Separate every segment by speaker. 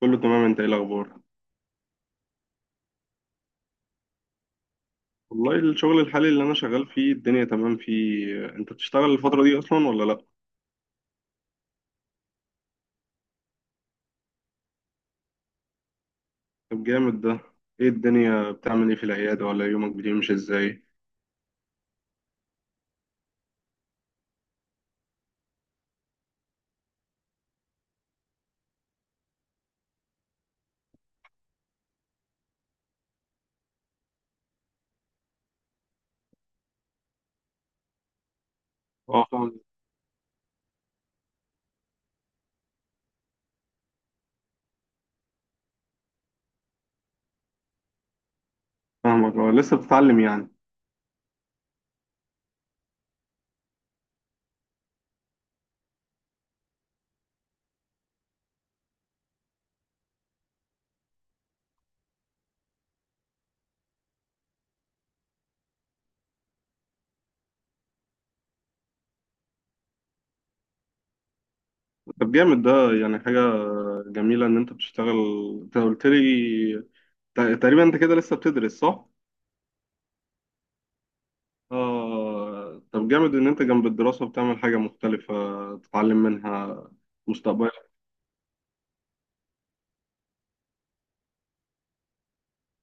Speaker 1: كله تمام، انت ايه الاخبار؟ والله الشغل الحالي اللي انا شغال فيه الدنيا تمام. فيه انت بتشتغل الفترة دي اصلا ولا لا؟ طب جامد ده. ايه الدنيا بتعمل ايه في العيادة، ولا يومك بيمشي ازاي؟ اه، فاهمك، اه، لسه بتتعلم يعني. طب جامد ده. يعني حاجة جميلة ان انت بتشتغل. انت قلت لي تقريبا انت كده لسه بتدرس صح؟ اه. طب جامد ان انت جنب الدراسة بتعمل حاجة مختلفة تتعلم منها مستقبلا.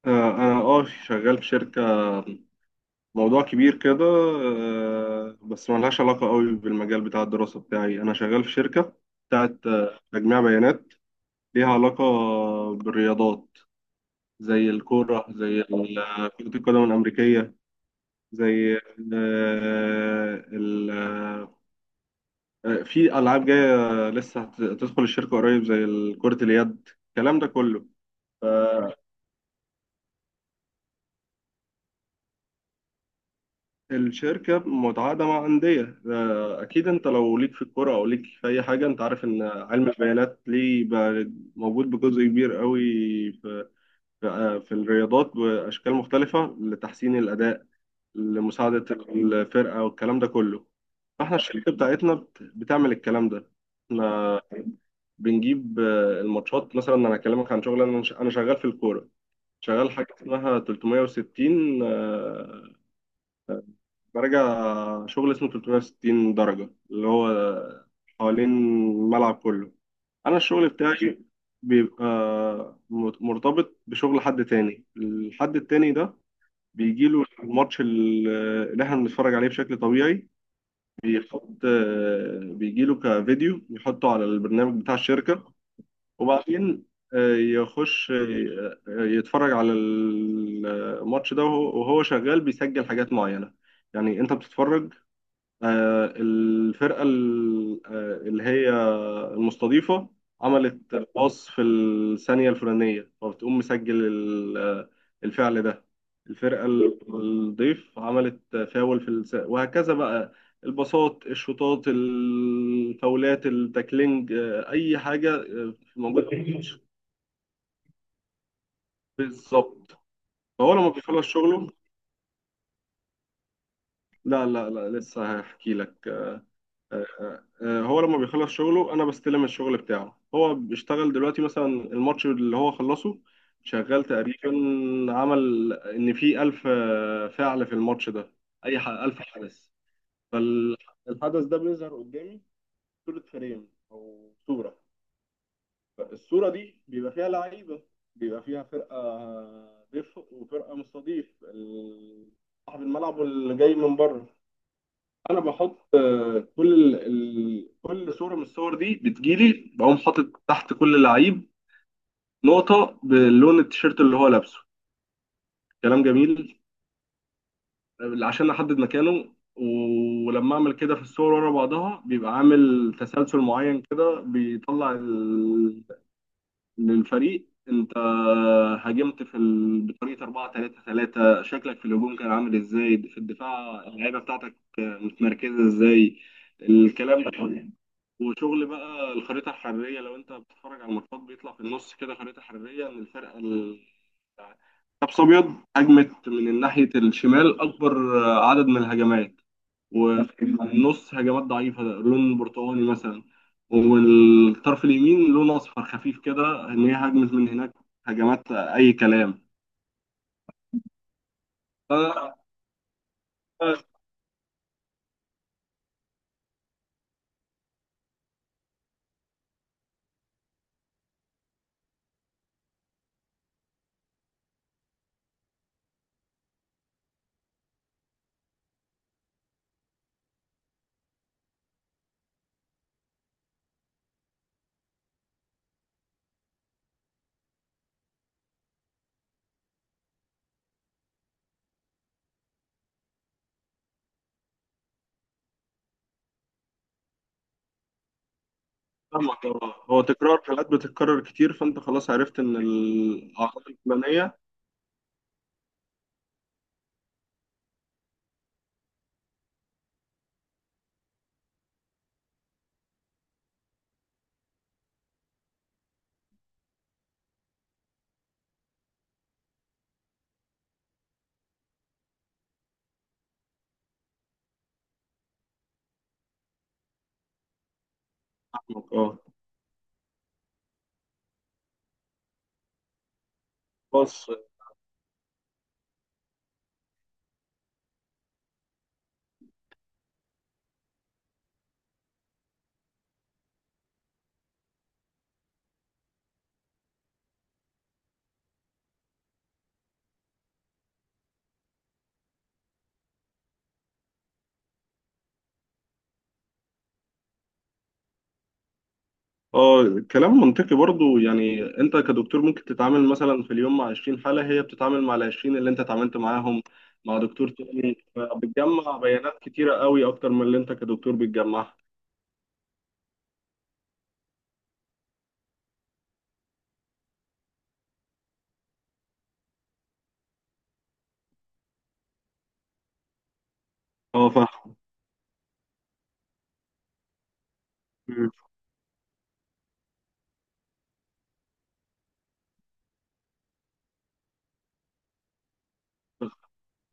Speaker 1: انا شغال في شركة، موضوع كبير كده، بس ملهاش علاقة قوي بالمجال بتاع الدراسة بتاعي. أنا شغال في شركة بتاعت تجميع بيانات، ليها علاقة بالرياضات، زي الكورة، زي كرة القدم الأمريكية، زي آه، ال- في ألعاب جاية لسه هتدخل الشركة قريب، زي كرة اليد، الكلام ده كله. الشركة متعاقدة مع أندية، أكيد أنت لو ليك في الكورة أو ليك في أي حاجة أنت عارف إن علم البيانات ليه بقى موجود بجزء كبير قوي في في في الرياضات بأشكال مختلفة لتحسين الأداء، لمساعدة الفرقة، والكلام ده كله. فإحنا الشركة بتاعتنا بتعمل الكلام ده. إحنا بنجيب الماتشات، مثلا أنا أكلمك عن شغل، أنا أنا شغال في الكورة. شغال حاجة اسمها 360، براجع شغل اسمه 360 درجة اللي هو حوالين الملعب كله. أنا الشغل بتاعي بيبقى مرتبط بشغل حد تاني. الحد التاني ده بيجيله الماتش اللي احنا بنتفرج عليه بشكل طبيعي، بيحط، بيجيله كفيديو يحطه على البرنامج بتاع الشركة، وبعدين يخش يتفرج على الماتش ده، وهو شغال بيسجل حاجات معينة. يعني انت بتتفرج، الفرقة اللي هي المستضيفة عملت الباص في الثانية الفلانية، فبتقوم مسجل الفعل ده. الفرقة الضيف عملت فاول وهكذا بقى، الباصات، الشوطات، الفاولات، التاكلينج، أي حاجة موجودة في الماتش. بالظبط. فهو لما بيخلص شغله، لا، لا، لا، لسه هحكي لك. آه، هو لما بيخلص شغله انا بستلم الشغل بتاعه. هو بيشتغل دلوقتي مثلا الماتش اللي هو خلصه شغال تقريبا، عمل ان في 1000 فعل في الماتش ده، اي 1000 حدث. فالحدث ده بيظهر قدامي صورة، فريم او صورة. الصورة دي بيبقى فيها لعيبة، بيبقى فيها فرقة ضيف وفرقة مستضيف، صاحب الملعب واللي جاي من بره. انا بحط كل كل صوره من الصور دي بتجيلي، بقوم حاطط تحت كل لعيب نقطه بلون التيشيرت اللي هو لابسه. كلام جميل. عشان احدد مكانه، ولما اعمل كده في الصور ورا بعضها بيبقى عامل تسلسل معين كده، بيطلع للفريق انت هاجمت في بطريقه 4-3-3، شكلك في الهجوم كان عامل ازاي، في الدفاع اللعيبه بتاعتك متمركزه ازاي، الكلام ده. وشغل بقى الخريطة الحرارية، لو انت بتتفرج على الماتشات بيطلع في النص كده خريطة حرارية ان الفرقة حبس ابيض هجمت من ناحية الشمال اكبر عدد من الهجمات، وفي النص هجمات ضعيفة لون برتقاني مثلا، والطرف اليمين لون اصفر خفيف كده ان هي هجمت من هناك هجمات اي كلام. فأنا، فاهمك. اه، هو تكرار حالات بتتكرر كتير، فانت خلاص عرفت ان الاعراض الفلانية. اه، خلاص. اه، كلام منطقي برضو، يعني انت كدكتور ممكن تتعامل مثلا في اليوم مع 20 حالة، هي بتتعامل مع ال 20 اللي انت اتعاملت معاهم مع دكتور تاني، فبتجمع بيانات كتيرة قوي اكتر من اللي انت كدكتور بتجمعها. اه،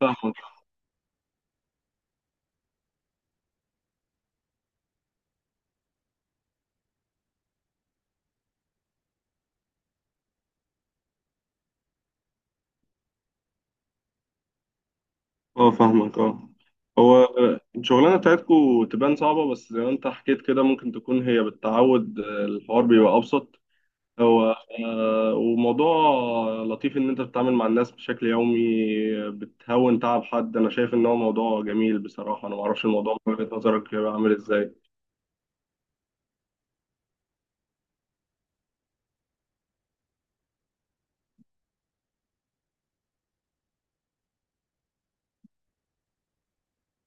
Speaker 1: فاهمك، اه، فاهمك، اه. هو الشغلانة بتاعتكو تبان صعبة، بس زي ما انت حكيت كده ممكن تكون هي بالتعود الحوار بيبقى ابسط. هو وموضوع لطيف ان انت بتتعامل مع الناس بشكل يومي، بتهون تعب حد. انا شايف ان هو موضوع جميل بصراحة. انا ما اعرفش الموضوع من وجهة نظرك هيبقى عامل ازاي.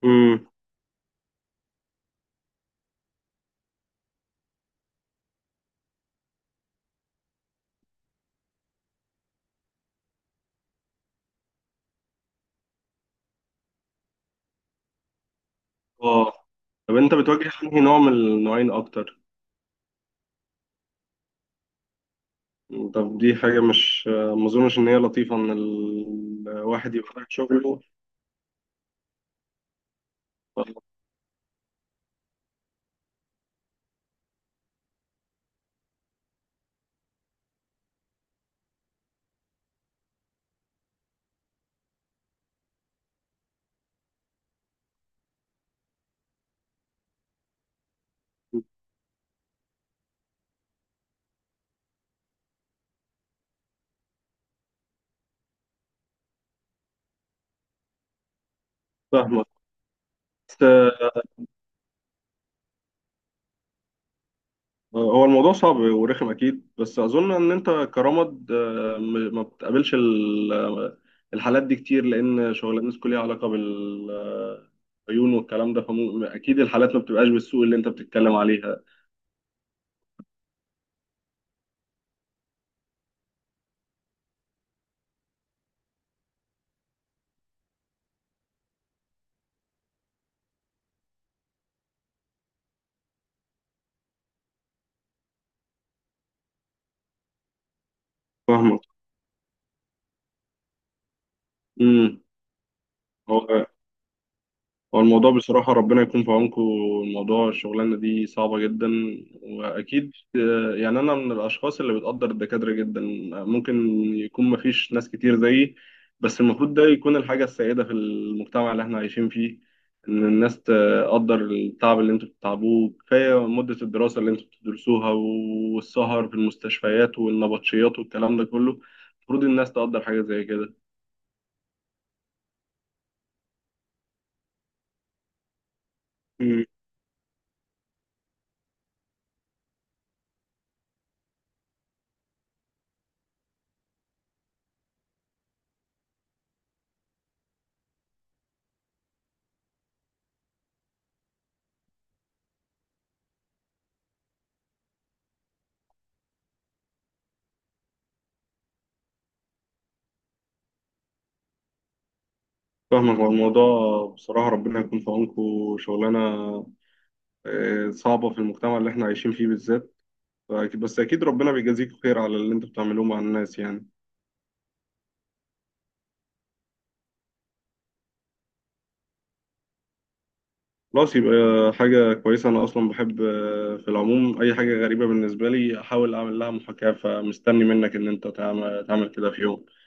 Speaker 1: امم اه. طب انت بتواجه انهي نوع من النوعين اكتر؟ طب دي حاجة مش، ما اظنش ان هي لطيفة ان الواحد يبقى في شغله. آه، فاهمك. هو الموضوع صعب ورخم اكيد، بس اظن ان انت كرمد، ما بتقابلش الحالات دي كتير، لان شغلانتكم ليها علاقه بالعيون والكلام ده، فاكيد الحالات ما بتبقاش بالسوء اللي انت بتتكلم عليها. فاهمك. امم هو الموضوع بصراحة ربنا يكون في عونكم، الموضوع الشغلانة دي صعبة جدا، وأكيد يعني أنا من الأشخاص اللي بتقدر الدكاترة جدا، ممكن يكون مفيش ناس كتير زيي، بس المفروض ده يكون الحاجة السائدة في المجتمع اللي احنا عايشين فيه، إن الناس تقدر التعب اللي انتوا بتتعبوه، كفاية مدة الدراسة اللي انتوا بتدرسوها والسهر في المستشفيات والنبطشيات والكلام ده كله، المفروض الناس تقدر حاجة زي كده. فاهمك. هو الموضوع بصراحة ربنا يكون في عونكم، شغلانة صعبة في المجتمع اللي احنا عايشين فيه بالذات، بس أكيد ربنا بيجازيكم خير على اللي انتوا بتعملوه مع الناس يعني. خلاص، يبقى حاجة كويسة. أنا أصلا بحب في العموم أي حاجة غريبة بالنسبة لي أحاول أعمل لها محاكاة، فمستني منك إن أنت تعمل كده في يوم.